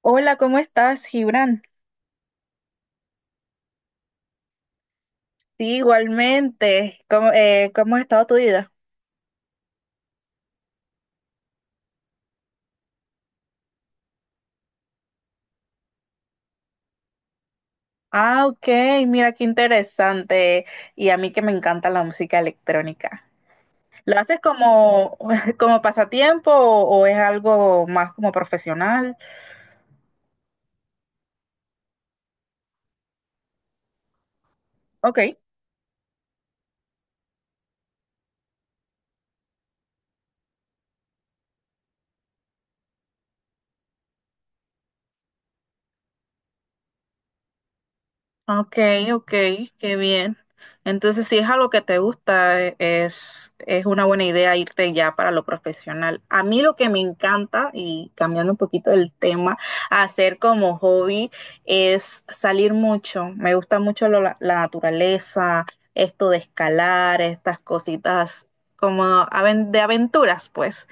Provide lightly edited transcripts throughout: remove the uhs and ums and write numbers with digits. Hola, ¿cómo estás, Gibran? Sí, igualmente. ¿Cómo, cómo ha estado tu vida? Ah, ok, mira qué interesante. Y a mí que me encanta la música electrónica. ¿Lo haces como, como pasatiempo o es algo más como profesional? Ok. Ok, ok, qué bien. Entonces, si es algo que te gusta, es una buena idea irte ya para lo profesional. A mí lo que me encanta, y cambiando un poquito el tema, hacer como hobby es salir mucho. Me gusta mucho la naturaleza, esto de escalar, estas cositas como de aventuras, pues.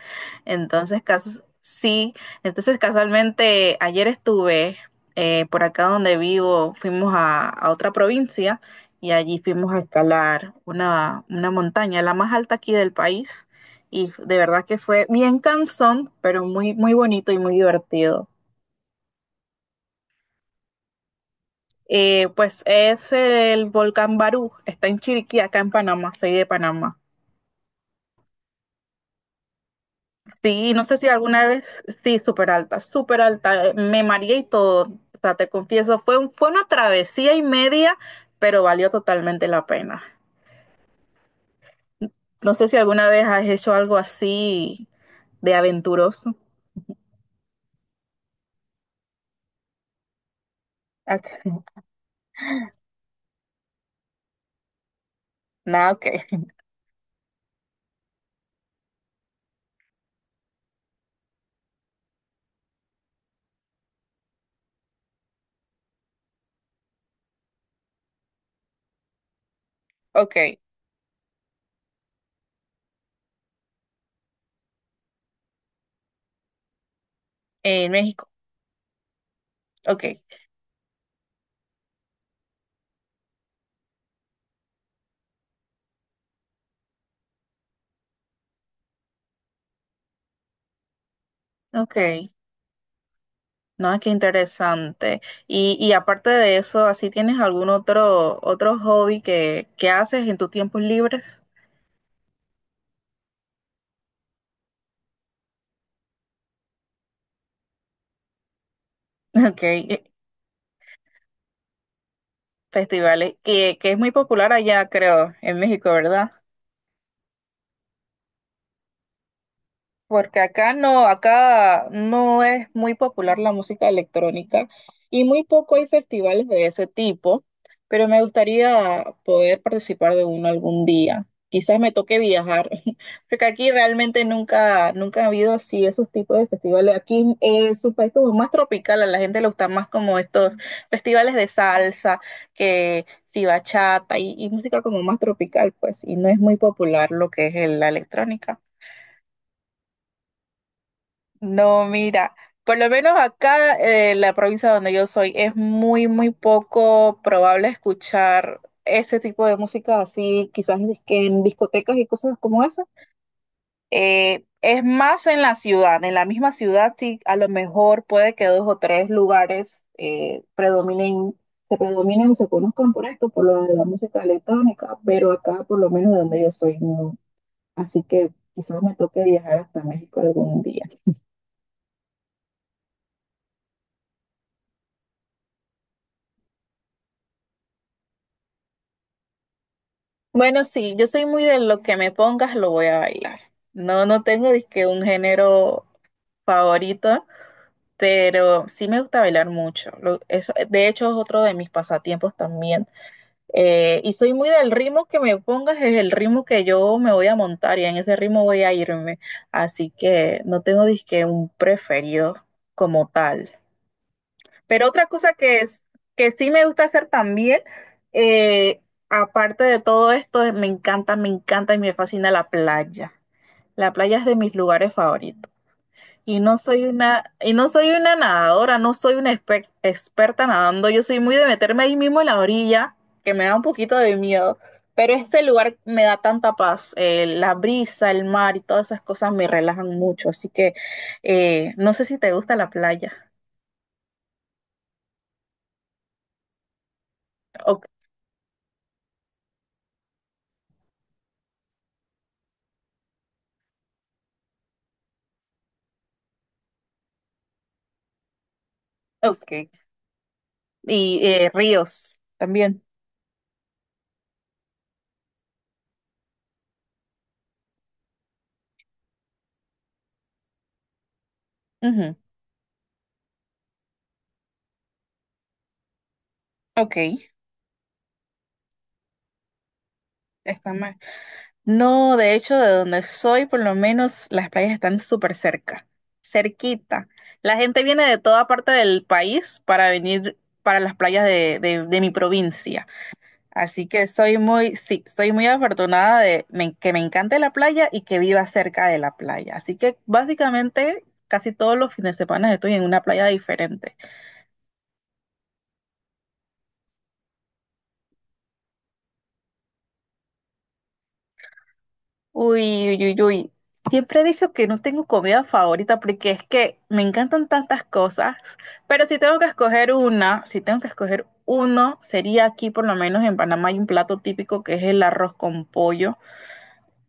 Entonces, sí. Entonces, casualmente, ayer estuve por acá donde vivo fuimos a otra provincia y allí fuimos a escalar una montaña, la más alta aquí del país. Y de verdad que fue bien cansón, pero muy, muy bonito y muy divertido. Pues es el volcán Barú, está en Chiriquí, acá en Panamá, soy de Panamá. Sí, no sé si alguna vez, sí, súper alta, me mareé y todo, o sea, te confieso, fue una travesía y media, pero valió totalmente la pena. No sé si alguna vez has hecho algo así de aventuroso. Acá. Nada, ok. Ok. En México. Ok. Ok. No, qué interesante. Y aparte de eso, ¿así tienes algún otro, otro hobby que haces en tus tiempos libres? Ok. Festivales. Que es muy popular allá, creo, en México, ¿verdad? Porque acá no es muy popular la música electrónica y muy poco hay festivales de ese tipo, pero me gustaría poder participar de uno algún día. Quizás me toque viajar, porque aquí realmente nunca, nunca ha habido así esos tipos de festivales. Aquí es un país como más tropical, a la gente le gustan más como estos festivales de salsa, que si bachata y música como más tropical, pues, y no es muy popular lo que es la electrónica. No, mira, por lo menos acá, la provincia donde yo soy, es muy, muy poco probable escuchar ese tipo de música así, quizás en que en discotecas y cosas como esa. Es más en la ciudad, en la misma ciudad sí, a lo mejor puede que dos o tres lugares predominen, se predominen o se conozcan por esto, por lo de la música electrónica, pero acá, por lo menos de donde yo soy, no. Así que quizás me toque viajar hasta México algún día. Bueno, sí, yo soy muy de lo que me pongas, lo voy a bailar. No, no tengo disque un género favorito, pero sí me gusta bailar mucho. Eso, de hecho, es otro de mis pasatiempos también. Y soy muy del ritmo que me pongas, es el ritmo que yo me voy a montar y en ese ritmo voy a irme. Así que no tengo disque un preferido como tal. Pero otra cosa que es, que sí me gusta hacer también, eh, aparte de todo esto, me encanta y me fascina la playa. La playa es de mis lugares favoritos. Y y no soy una nadadora, no soy una experta nadando. Yo soy muy de meterme ahí mismo en la orilla, que me da un poquito de miedo. Pero este lugar me da tanta paz. La brisa, el mar y todas esas cosas me relajan mucho. Así que no sé si te gusta la playa. Ok. Ok. Y ríos también. Ujú. Ok, está mal. No, de hecho, de donde soy, por lo menos las playas están súper cerca, cerquita. La gente viene de toda parte del país para venir para las playas de mi provincia. Así que soy muy, sí, soy muy afortunada de que me encante la playa y que viva cerca de la playa. Así que básicamente casi todos los fines de semana estoy en una playa diferente. Uy, uy, uy, uy. Siempre he dicho que no tengo comida favorita porque es que me encantan tantas cosas, pero si tengo que escoger una, si tengo que escoger uno, sería aquí por lo menos en Panamá hay un plato típico que es el arroz con pollo.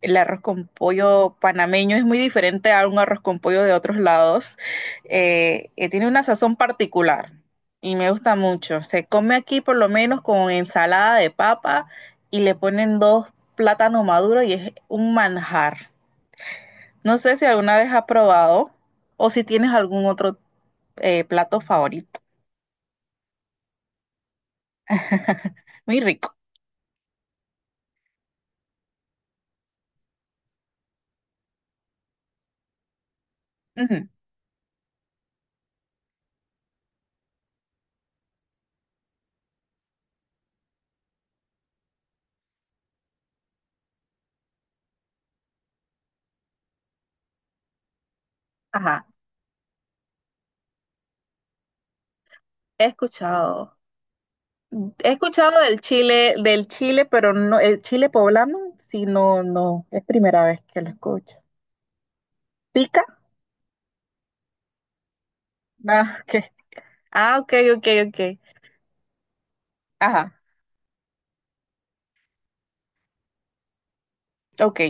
El arroz con pollo panameño es muy diferente a un arroz con pollo de otros lados. Tiene una sazón particular y me gusta mucho. Se come aquí por lo menos con ensalada de papa y le ponen dos plátanos maduros y es un manjar. No sé si alguna vez has probado o si tienes algún otro plato favorito. Muy rico. Ujú. Ajá, he escuchado. He escuchado del Chile, pero no, el chile poblano, sí, no, no, es primera vez que lo escucho. ¿Pica? Ah, ok, ah, ok, ok, ok. Ajá, ok,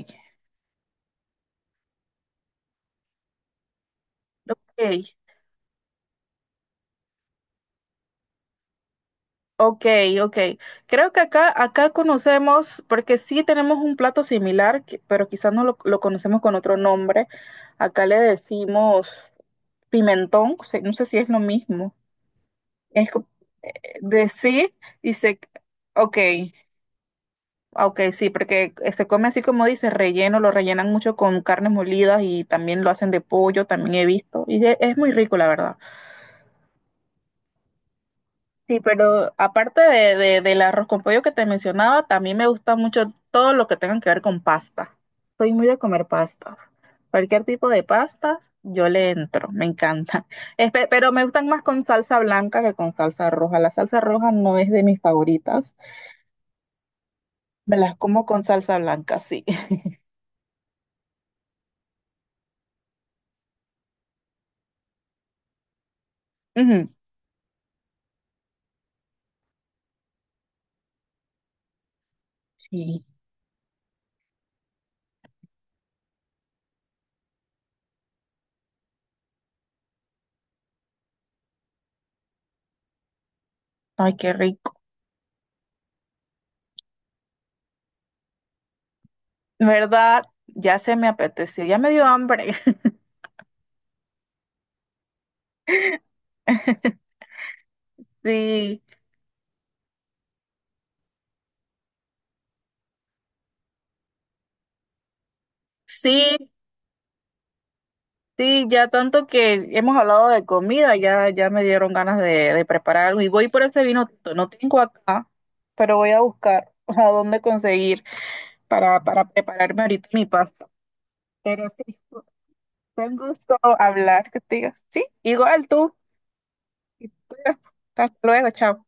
ok, ok, ok. Creo que acá, acá conocemos, porque sí tenemos un plato similar, que- pero quizás no lo, lo conocemos con otro nombre. Acá le decimos pimentón, se- no sé si es lo mismo. Es co- eh, de sí, dice, ok. Ah, ok, sí, porque se come así como dices relleno, lo rellenan mucho con carnes molidas y también lo hacen de pollo, también he visto. Y e- es muy rico, la verdad. Sí, pero aparte del arroz con pollo que te mencionaba, también me gusta mucho todo lo que tenga que ver con pasta. Soy muy de comer pasta. Cualquier tipo de pastas, yo le entro, me encanta. Espe- pero me gustan más con salsa blanca que con salsa roja. La salsa roja no es de mis favoritas. Me las como con salsa blanca, sí. Ujú. Sí. Ay, qué rico. ¿Verdad? Ya se me apeteció, ya me dio hambre. Sí, sí, sí, ya tanto que hemos hablado de comida, ya, ya me dieron ganas de preparar algo. Y voy por ese vino tinto, no tengo acá, pero voy a buscar a dónde conseguir para prepararme ahorita mi pasta. Pero sí, fue un gusto hablar contigo. Sí, igual tú. Hasta luego, chao.